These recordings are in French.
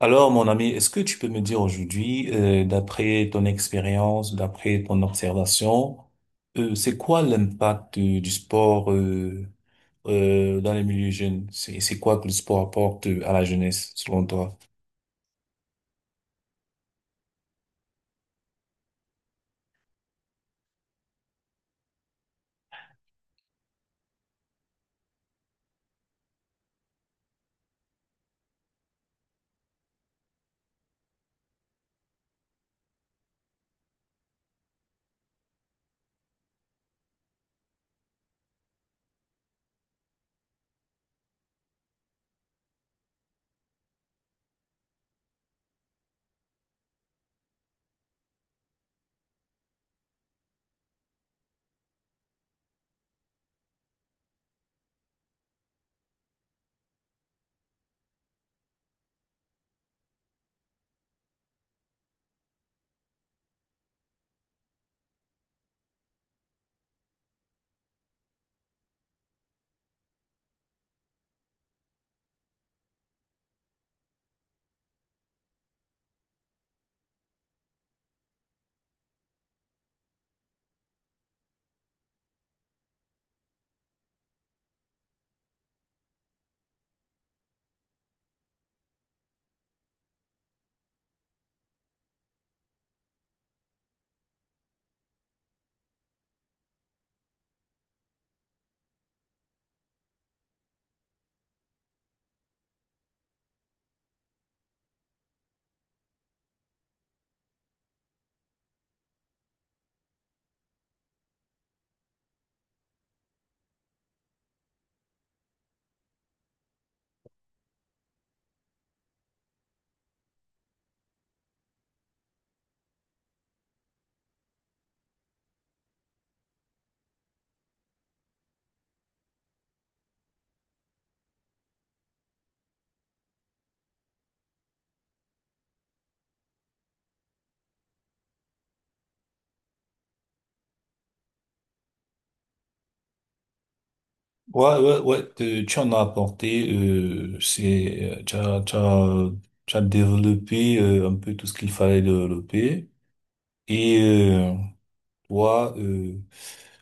Alors, mon ami, est-ce que tu peux me dire aujourd'hui, d'après ton expérience, d'après ton observation, c'est quoi l'impact du sport dans les milieux jeunes? C'est quoi que le sport apporte à la jeunesse, selon toi? Ouais, ouais, ouais, tu en as apporté, c'est, tu as, tu as, tu as développé un peu tout ce qu'il fallait développer. Et Toi, euh,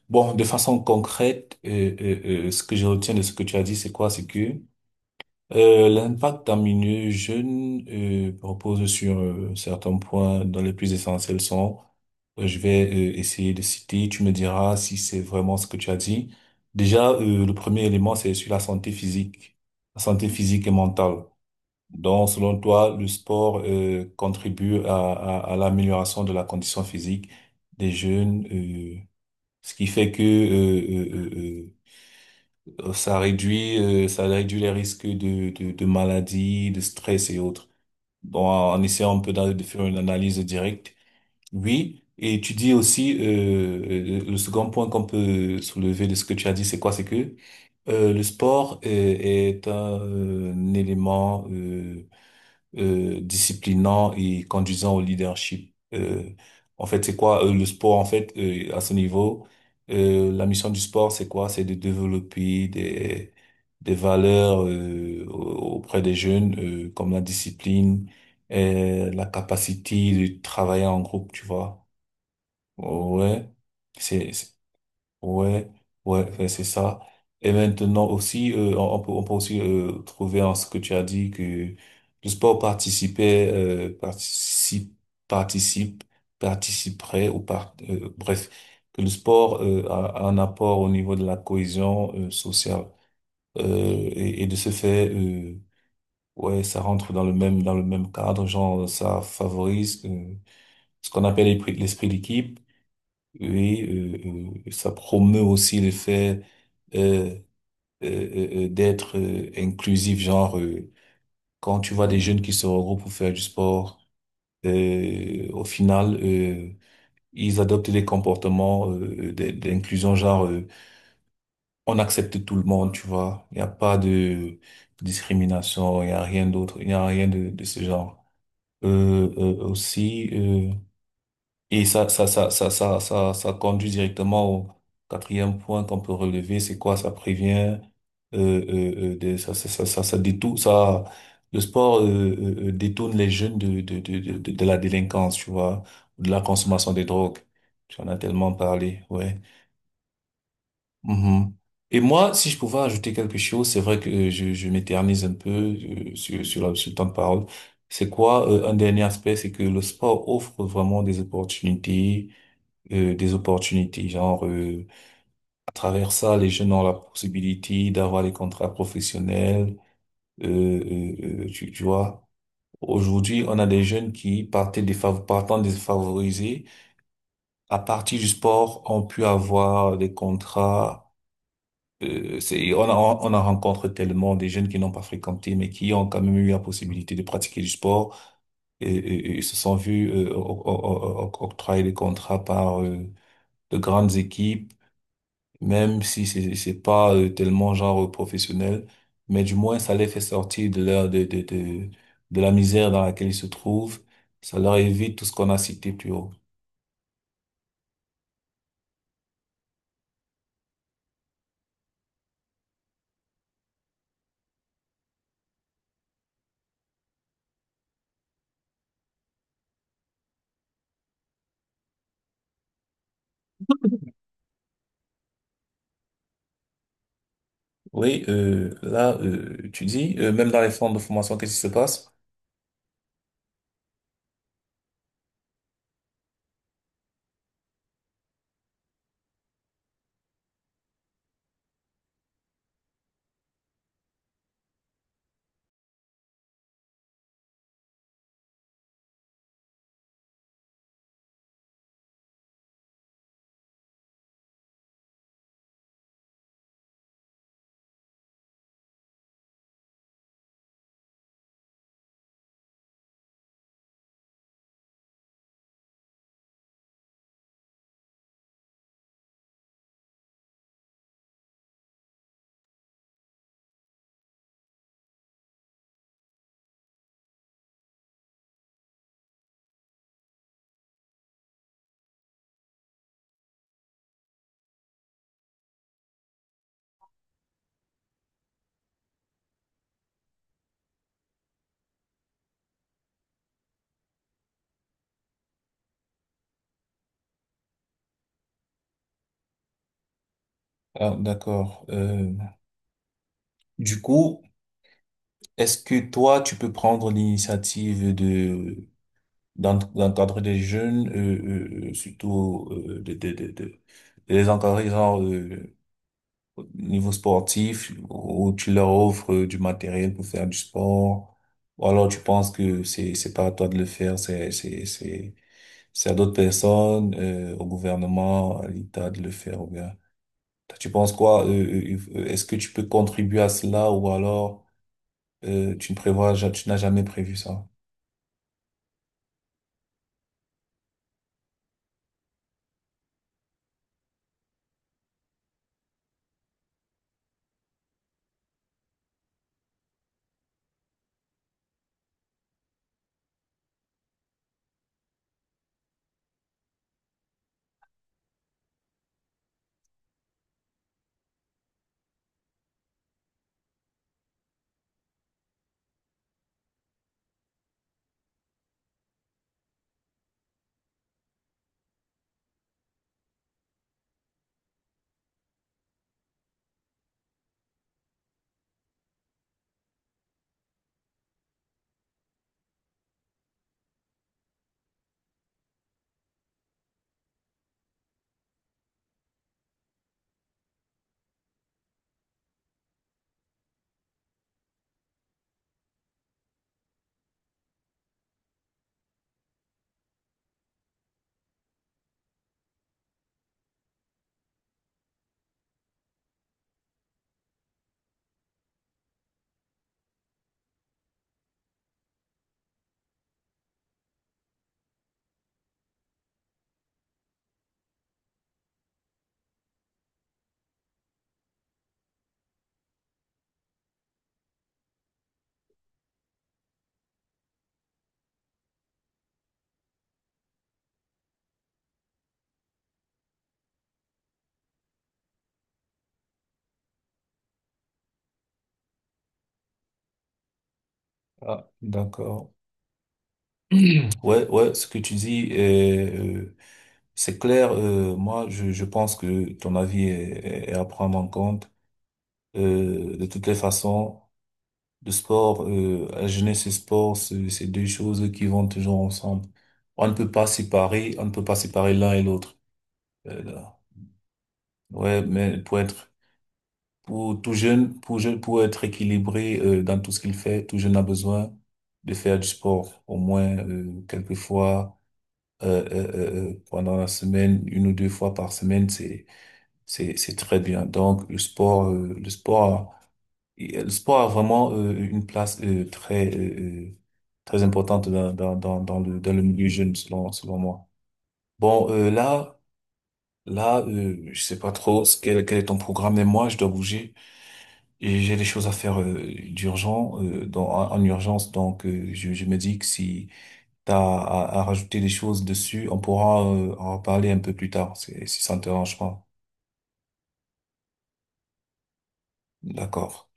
bon, de façon concrète, ce que je retiens de ce que tu as dit, c'est quoi? C'est que l'impact d'un milieu jeune repose sur certains points dont les plus essentiels sont, je vais essayer de citer, tu me diras si c'est vraiment ce que tu as dit. Déjà, le premier élément, c'est sur la santé physique et mentale. Donc, selon toi, le sport contribue à l'amélioration de la condition physique des jeunes. Ce qui fait que Ça réduit, ça réduit les risques de maladies, de stress et autres. Bon, en essayant un peu de faire une analyse directe. Oui, et tu dis aussi, le second point qu'on peut soulever de ce que tu as dit, c'est quoi? C'est que le sport est un élément disciplinant et conduisant au leadership. En fait, c'est quoi le sport? En fait, à ce niveau, la mission du sport, c'est quoi? C'est de développer des valeurs auprès des jeunes, comme la discipline, la capacité de travailler en groupe, tu vois. Ouais, c'est Ouais, ouais, c'est ça. Et maintenant aussi, on peut, on peut aussi trouver en ce que tu as dit que le sport participait, participe, participe, participerait ou par, bref, que le sport a un apport au niveau de la cohésion sociale. Euh, et de ce fait, ouais, ça rentre dans le même cadre, genre ça favorise ce qu'on appelle l'esprit d'équipe. Oui, ça promeut aussi l'effet euh, d'être inclusif, genre, quand tu vois des jeunes qui se regroupent pour faire du sport, euh, au final, euh, ils adoptent des comportements d'inclusion, genre, on accepte tout le monde, tu vois, il n'y a pas de discrimination, il n'y a rien d'autre, il n'y a rien de, de ce genre. Aussi, Et ça conduit directement au quatrième point qu'on peut relever, c'est quoi? Ça prévient, ça détourne, ça, le sport, détourne les jeunes de la délinquance, tu vois, ou de la consommation des drogues. Tu en as tellement parlé, ouais. Mhm. Et moi, si je pouvais ajouter quelque chose, c'est vrai que je m'éternise un peu sur le temps de parole. C'est quoi, un dernier aspect, c'est que le sport offre vraiment des opportunités, des opportunités. Genre, à travers ça, les jeunes ont la possibilité d'avoir des contrats professionnels. Tu vois, aujourd'hui, on a des jeunes qui partant défavorisés. À partir du sport, ont pu avoir des contrats. On a rencontré tellement des jeunes qui n'ont pas fréquenté, mais qui ont quand même eu la possibilité de pratiquer du sport et, et se sont vus octroyer des contrats par de grandes équipes, même si c'est pas tellement genre professionnel, mais du moins ça les fait sortir de leur de la misère dans laquelle ils se trouvent. Ça leur évite tout ce qu'on a cité plus haut. Oui, là tu dis, même dans les centres de formation, qu'est-ce qui se passe? Ah, d'accord. Du coup, est-ce que toi tu peux prendre l'initiative de d'encadrer des jeunes, surtout, de les encadrer genre au niveau sportif, où tu leur offres du matériel pour faire du sport, ou alors tu penses que c'est pas à toi de le faire, c'est c'est à d'autres personnes, au gouvernement, à l'État de le faire, ou bien toi, tu penses quoi? Est-ce que tu peux contribuer à cela, ou alors tu ne prévois, ja- tu n'as jamais prévu ça. Ah, d'accord. Ouais, ouais, ce que tu dis, est, c'est clair. Je pense que ton avis est, est à prendre en compte. De toutes les façons. Le sport, la jeunesse et sport, c'est deux choses qui vont toujours ensemble. On ne peut pas séparer, on ne peut pas séparer l'un et l'autre. Là. Ouais, mais pour être, pour tout jeune, pour être équilibré, dans tout ce qu'il fait, tout jeune a besoin de faire du sport au moins, quelques fois, pendant la semaine, une ou deux fois par semaine, c'est très bien. Le sport a vraiment une place très importante dans le milieu jeune, selon moi. Bon, là là je sais pas trop ce quel est ton programme, mais moi je dois bouger et j'ai des choses à faire d'urgent, en urgence, donc, je me dis que si t'as à rajouter des choses dessus, on pourra en reparler un peu plus tard, si ça ne te dérange pas. D'accord.